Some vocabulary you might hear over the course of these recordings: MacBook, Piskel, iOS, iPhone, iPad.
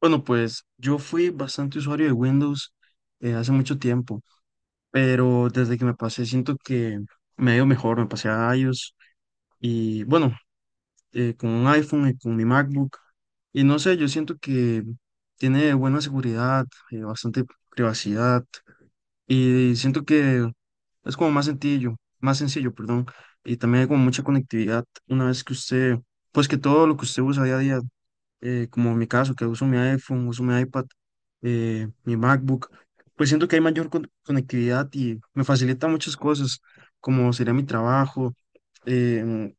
Bueno, pues yo fui bastante usuario de Windows hace mucho tiempo, pero desde que me pasé siento que me ha ido mejor. Me pasé a iOS y bueno, con un iPhone y con mi MacBook, y no sé, yo siento que tiene buena seguridad, bastante privacidad, y siento que es como más sencillo, perdón, y también hay como mucha conectividad una vez que usted, pues que todo lo que usted usa día a día, como en mi caso, que uso mi iPhone, uso mi iPad, mi MacBook, pues siento que hay mayor conectividad y me facilita muchas cosas, como sería mi trabajo, em,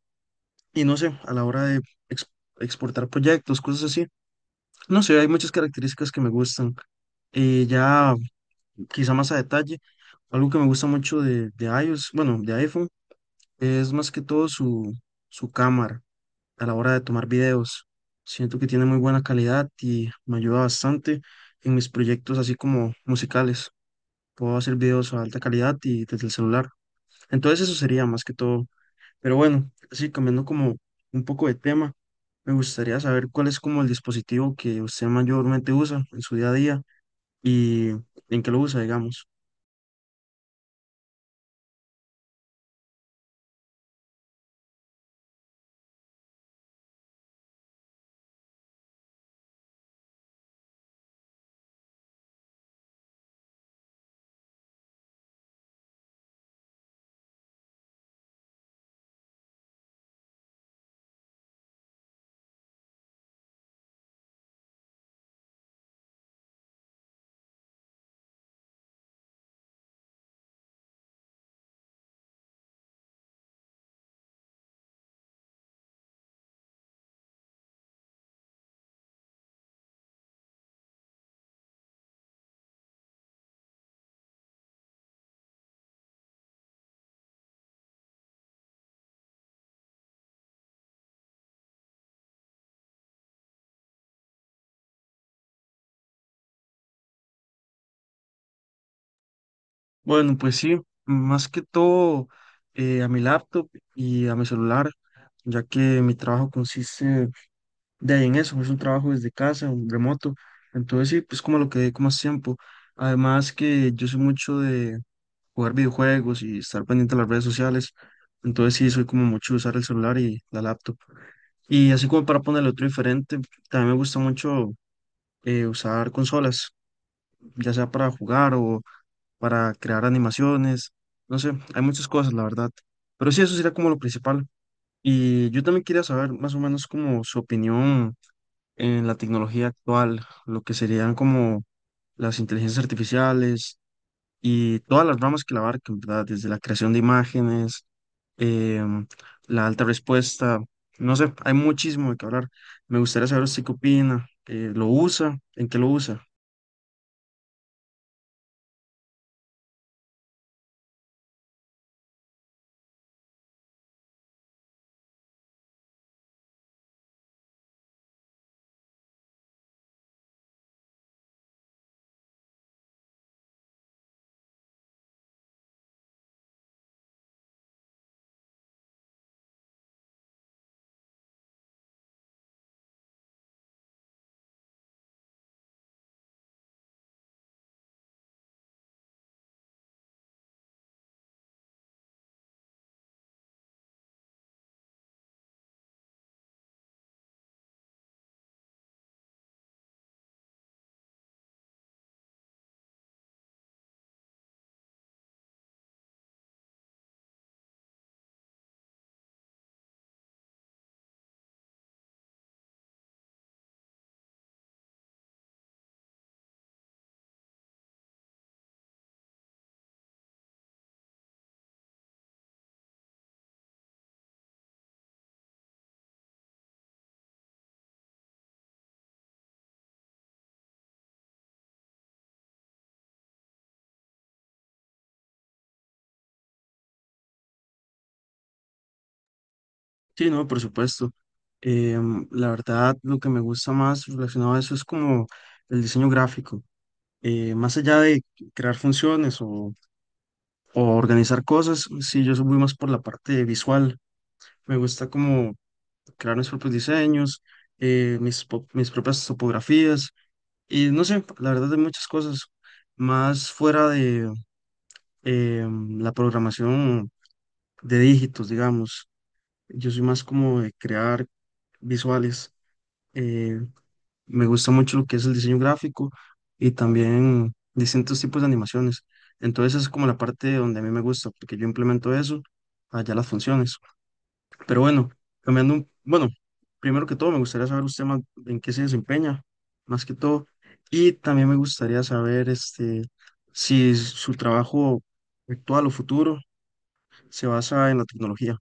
y no sé, a la hora de ex- exportar proyectos, cosas así. No sé, hay muchas características que me gustan. Ya quizá más a detalle, algo que me gusta mucho de iOS, bueno, de iPhone, es más que todo su cámara, a la hora de tomar videos. Siento que tiene muy buena calidad y me ayuda bastante en mis proyectos así como musicales. Puedo hacer videos a alta calidad y desde el celular. Entonces eso sería más que todo. Pero bueno, así cambiando como un poco de tema, me gustaría saber cuál es como el dispositivo que usted mayormente usa en su día a día, y en qué lo usa, digamos. Bueno, pues sí, más que todo a mi laptop y a mi celular, ya que mi trabajo consiste de ahí en eso, es un trabajo desde casa, un remoto. Entonces sí, pues como lo que dedico más tiempo. Además que yo soy mucho de jugar videojuegos y estar pendiente de las redes sociales. Entonces sí, soy como mucho de usar el celular y la laptop. Y así como para ponerle otro diferente, también me gusta mucho usar consolas, ya sea para jugar o para crear animaciones, no sé, hay muchas cosas, la verdad. Pero sí, eso sería como lo principal. Y yo también quería saber más o menos como su opinión en la tecnología actual, lo que serían como las inteligencias artificiales y todas las ramas que la abarcan, ¿verdad? Desde la creación de imágenes, em, la alta respuesta, no sé, hay muchísimo de qué hablar. Me gustaría saber usted qué opina. Eh, ¿lo usa? ¿En qué lo usa? Sí, no, por supuesto. La verdad, lo que me gusta más relacionado a eso es como el diseño gráfico. Más allá de crear funciones o organizar cosas, sí, yo soy muy más por la parte visual. Me gusta como crear mis propios diseños, mis propias topografías y no sé, la verdad de muchas cosas más fuera de eh, la programación de dígitos, digamos. Yo soy más como de crear visuales. Eh, me gusta mucho lo que es el diseño gráfico y también distintos tipos de animaciones. Entonces es como la parte donde a mí me gusta, porque yo implemento eso allá las funciones. Pero bueno, cambiando un, bueno, primero que todo me gustaría saber usted más en qué se desempeña, más que todo, y también me gustaría saber este si su trabajo actual o futuro se basa en la tecnología.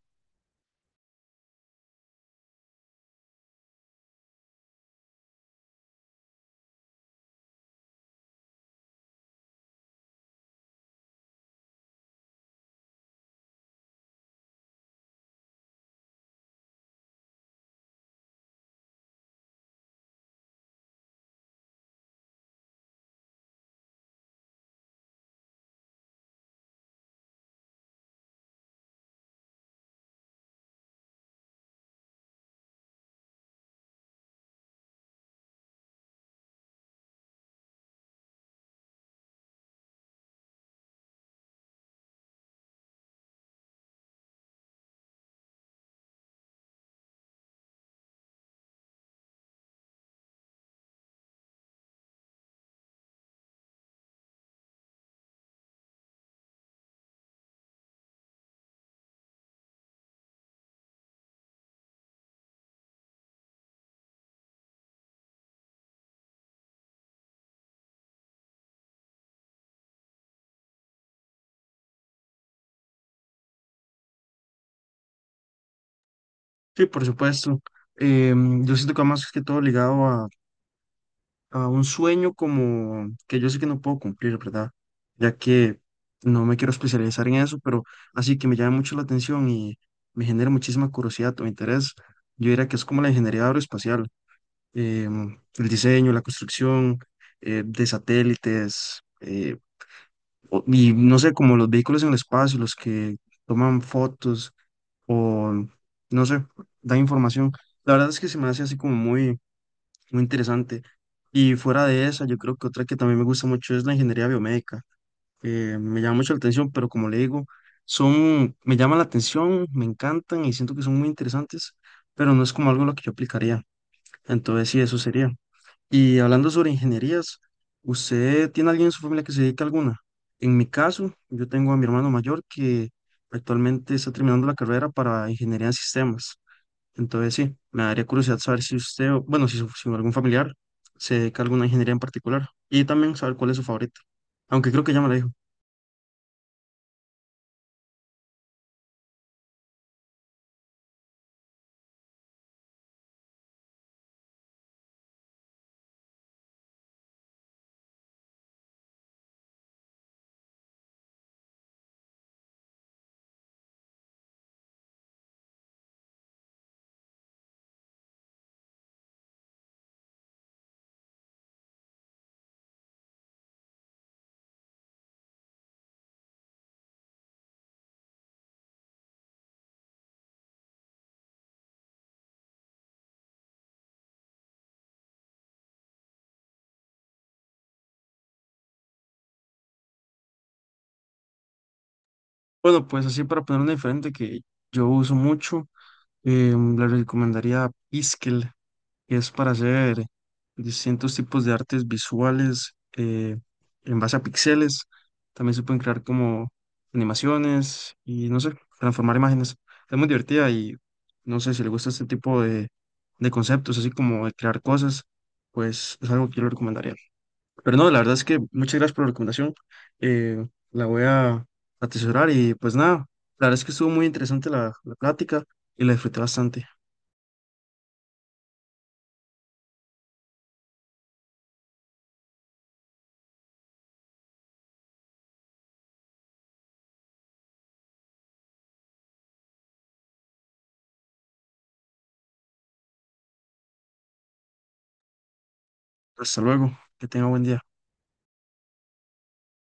Sí, por supuesto. Em, yo siento que va más que todo ligado a un sueño como que yo sé que no puedo cumplir, ¿verdad? Ya que no me quiero especializar en eso, pero así que me llama mucho la atención y me genera muchísima curiosidad o interés. Yo diría que es como la ingeniería aeroespacial. El diseño, la construcción de satélites, y no sé, como los vehículos en el espacio, los que toman fotos o, no sé, dan información. La verdad es que se me hace así como muy interesante. Y fuera de esa, yo creo que otra que también me gusta mucho es la ingeniería biomédica. Me llama mucho la atención, pero como le digo, son, me llaman la atención, me encantan y siento que son muy interesantes, pero no es como algo a lo que yo aplicaría. Entonces, sí, eso sería. Y hablando sobre ingenierías, ¿usted tiene alguien en su familia que se dedique a alguna? En mi caso, yo tengo a mi hermano mayor que actualmente está terminando la carrera para ingeniería en sistemas. Entonces, sí, me daría curiosidad saber si usted, si algún familiar se dedica a alguna ingeniería en particular, y también saber cuál es su favorita, aunque creo que ya me la dijo. Bueno, pues así para poner una diferente que yo uso mucho, le recomendaría Piskel. Es para hacer distintos tipos de artes visuales en base a píxeles. También se pueden crear como animaciones y no sé, transformar imágenes. Es muy divertida y no sé si le gusta este tipo de conceptos, así como de crear cosas, pues es algo que yo le recomendaría. Pero no, la verdad es que muchas gracias por la recomendación. eh, la voy a atesorar y pues nada, la verdad es que estuvo muy interesante la plática y la disfruté bastante. Hasta luego, que tenga buen día.